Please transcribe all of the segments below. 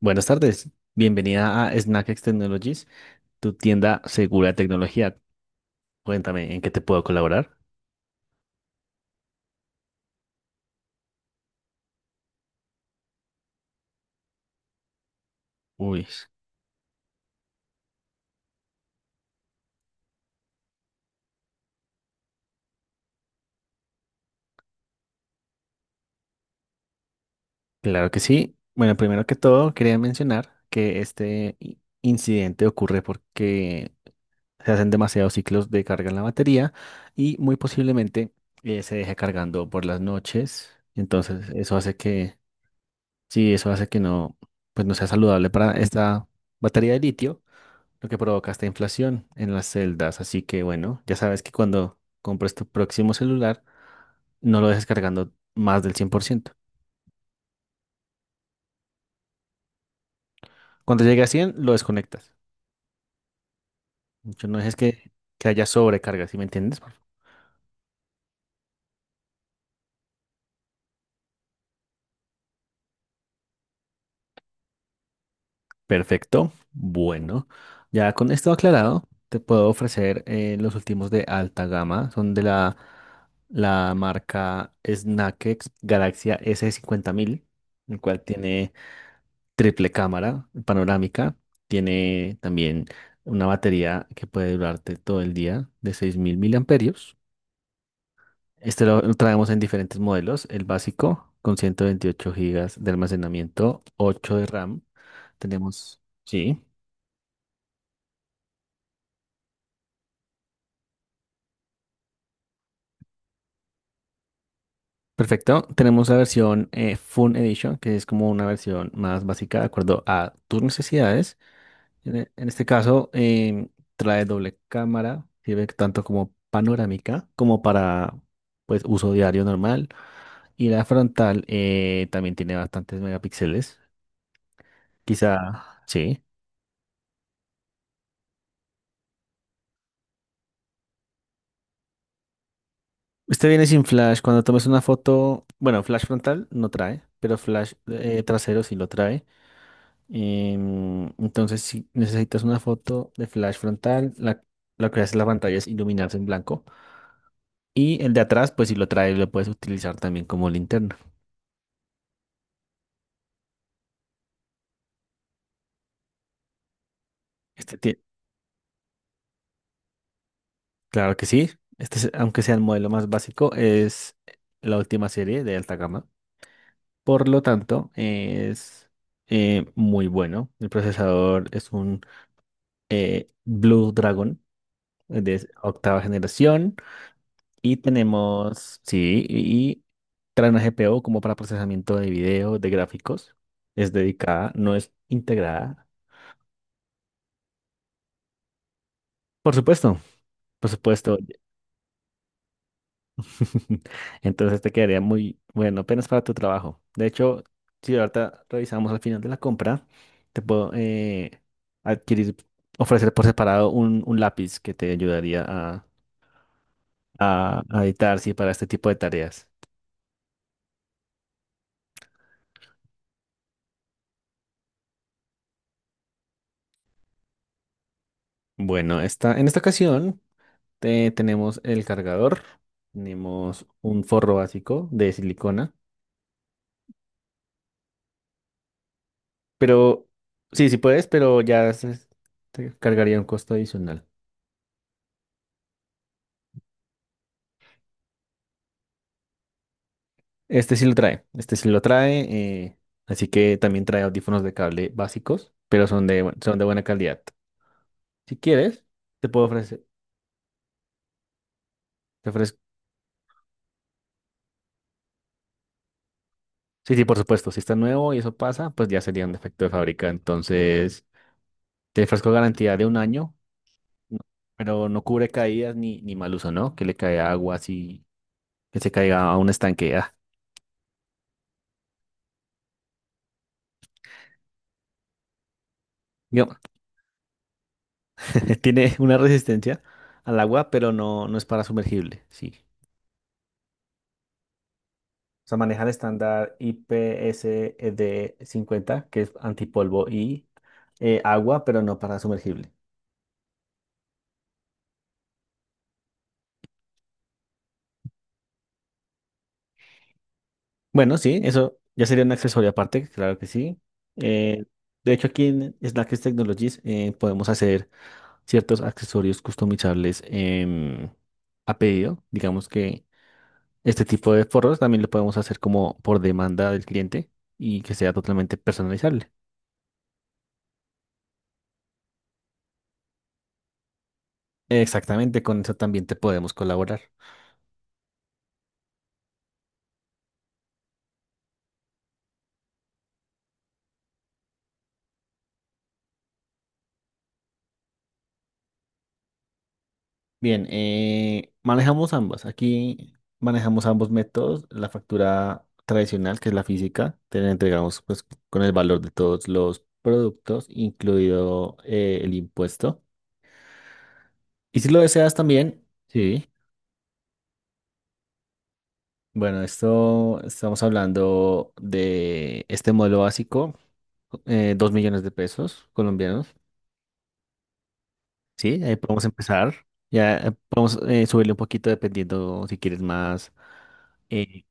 Buenas tardes, bienvenida a SnackX Technologies, tu tienda segura de tecnología. Cuéntame, ¿en qué te puedo colaborar? Uy, claro que sí. Bueno, primero que todo, quería mencionar que este incidente ocurre porque se hacen demasiados ciclos de carga en la batería y muy posiblemente se deje cargando por las noches. Entonces, eso hace que, sí, eso hace que no, pues no sea saludable para esta batería de litio. Lo que provoca esta inflación en las celdas. Así que bueno, ya sabes que cuando compres tu próximo celular, no lo dejes cargando más del 100%. Cuando llegue a 100 lo desconectas. Mucho no dejes que haya sobrecarga, ¿sí me entiendes? Perfecto. Bueno, ya con esto aclarado, te puedo ofrecer los últimos de alta gama. Son de la marca Snakex Galaxia s cincuenta mil, el cual tiene triple cámara panorámica. Tiene también una batería que puede durarte todo el día de 6000 miliamperios. Este lo traemos en diferentes modelos. El básico con 128 gigas de almacenamiento, 8 de RAM. Tenemos, sí, perfecto. Tenemos la versión Fun Edition, que es como una versión más básica de acuerdo a tus necesidades. En este caso, trae doble cámara, sirve tanto como panorámica como para pues, uso diario normal. Y la frontal también tiene bastantes megapíxeles. Quizá, sí. Usted viene sin flash. Cuando tomes una foto, bueno, flash frontal no trae, pero flash trasero sí lo trae. Entonces, si necesitas una foto de flash frontal, lo que hace la pantalla es iluminarse en blanco. Y el de atrás, pues si lo trae, lo puedes utilizar también como linterna. Este tie- claro que sí. Este, aunque sea el modelo más básico, es la última serie de alta gama. Por lo tanto, es muy bueno. El procesador es un Blue Dragon de octava generación. Y tenemos, sí, y trae una GPU como para procesamiento de video, de gráficos. Es dedicada, no es integrada. Por supuesto, por supuesto. Entonces te quedaría muy bueno, apenas para tu trabajo. De hecho, si ahorita revisamos al final de la compra, te puedo adquirir, ofrecer por separado un lápiz que te ayudaría a editar, sí, para este tipo de tareas. Bueno, esta, en esta ocasión tenemos el cargador, tenemos un forro básico de silicona, pero sí, sí puedes, pero ya te cargaría un costo adicional. Este sí lo trae, este sí lo trae, así que también trae audífonos de cable básicos, pero son de buena calidad. Si quieres, te puedo ofrecer, te ofrezco. Sí, sí, por supuesto, si está nuevo y eso pasa, pues ya sería un defecto de fábrica. Entonces, te ofrezco garantía de un año, no- pero no cubre caídas ni mal uso, ¿no? Que le caiga agua así, que se caiga a un estanque. Ah, digo, tiene una resistencia al agua, pero no, no es para sumergible, sí. O sea, maneja el estándar IPSD 50, que es antipolvo y agua, pero no para sumergible. Bueno, sí, eso ya sería un accesorio aparte, claro que sí. Eh, de hecho, aquí en Snackers Technologies podemos hacer ciertos accesorios customizables a pedido. Digamos que este tipo de forros también lo podemos hacer como por demanda del cliente y que sea totalmente personalizable. Exactamente, con eso también te podemos colaborar. Bien, manejamos ambas. Aquí manejamos ambos métodos. La factura tradicional, que es la física, te la entregamos pues, con el valor de todos los productos, incluido el impuesto. Y si lo deseas también, sí. Bueno, esto estamos hablando de este modelo básico, 2 millones de pesos colombianos. Sí, ahí podemos empezar. Ya podemos subirle un poquito dependiendo si quieres más. eh,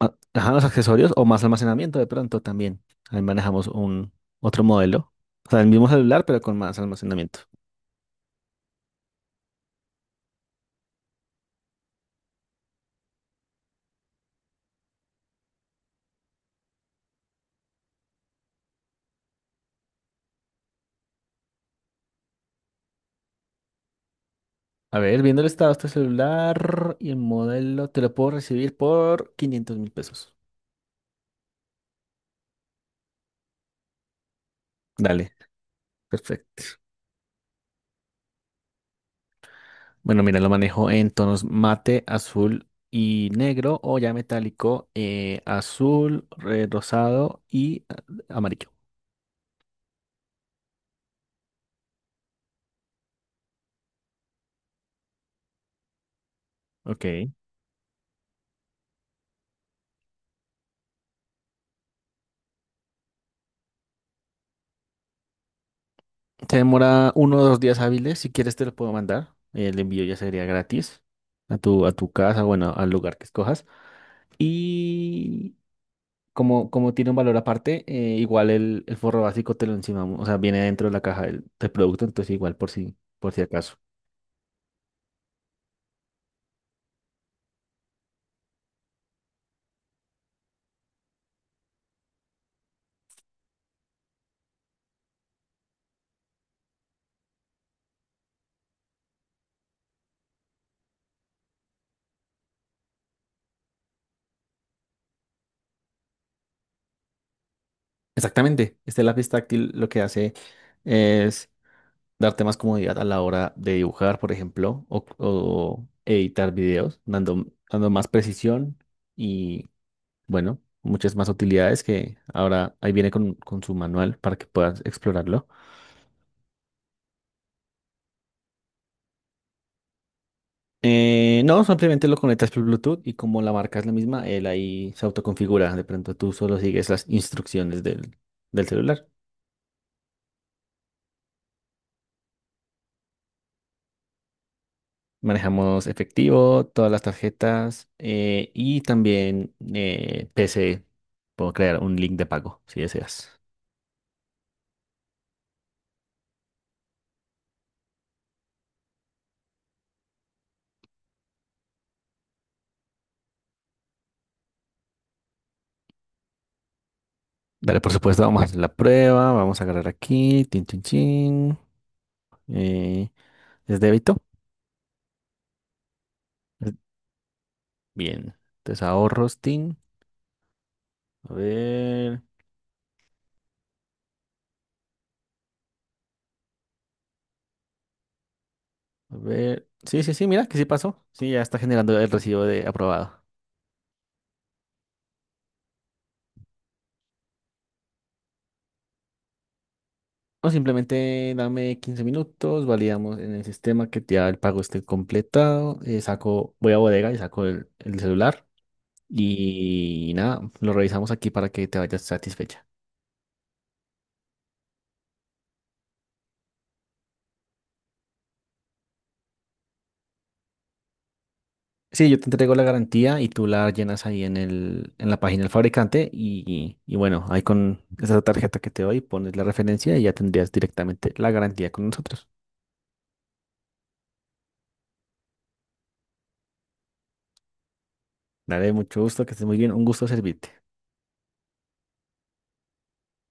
Ah, ajá, los accesorios o más almacenamiento de pronto también. Ahí manejamos un otro modelo. O sea, el mismo celular, pero con más almacenamiento. A ver, viendo el estado de este celular y el modelo, te lo puedo recibir por 500.000 pesos. Dale, perfecto. Bueno, mira, lo manejo en tonos mate, azul y negro o ya metálico, azul, rosado y amarillo. Ok. Se demora uno o dos días hábiles. Si quieres, te lo puedo mandar. El envío ya sería gratis a tu casa, bueno, al lugar que escojas. Y como tiene un valor aparte, igual el forro básico te lo encimamos. O sea, viene dentro de la caja del producto, entonces igual por si acaso. Exactamente. Este lápiz táctil lo que hace es darte más comodidad a la hora de dibujar, por ejemplo, o editar videos, dando, dando más precisión. Bueno, muchas más utilidades que ahora ahí viene con su manual para que puedas explorarlo. No, simplemente lo conectas por Bluetooth y como la marca es la misma, él ahí se autoconfigura. De pronto tú solo sigues las instrucciones del celular. Manejamos efectivo, todas las tarjetas y también PC. Puedo crear un link de pago si deseas. Dale, por supuesto, vamos a hacer la prueba. Vamos a agarrar aquí. Tin, tin, chin. Eh, ¿Es débito? Bien. Entonces ahorros, tin. A ver, a ver. Sí, sí, sí, mira que sí pasó. Sí, ya está generando el recibo de aprobado. O simplemente dame 15 minutos, validamos en el sistema que ya el pago esté completado. Saco, voy a bodega y saco el celular. Y nada, lo revisamos aquí para que te vayas satisfecha. Sí, yo te entrego la garantía y tú la llenas ahí en el, en la página del fabricante y bueno, ahí con esa tarjeta que te doy pones la referencia y ya tendrías directamente la garantía con nosotros. Dale, mucho gusto, que estés muy bien, un gusto servirte.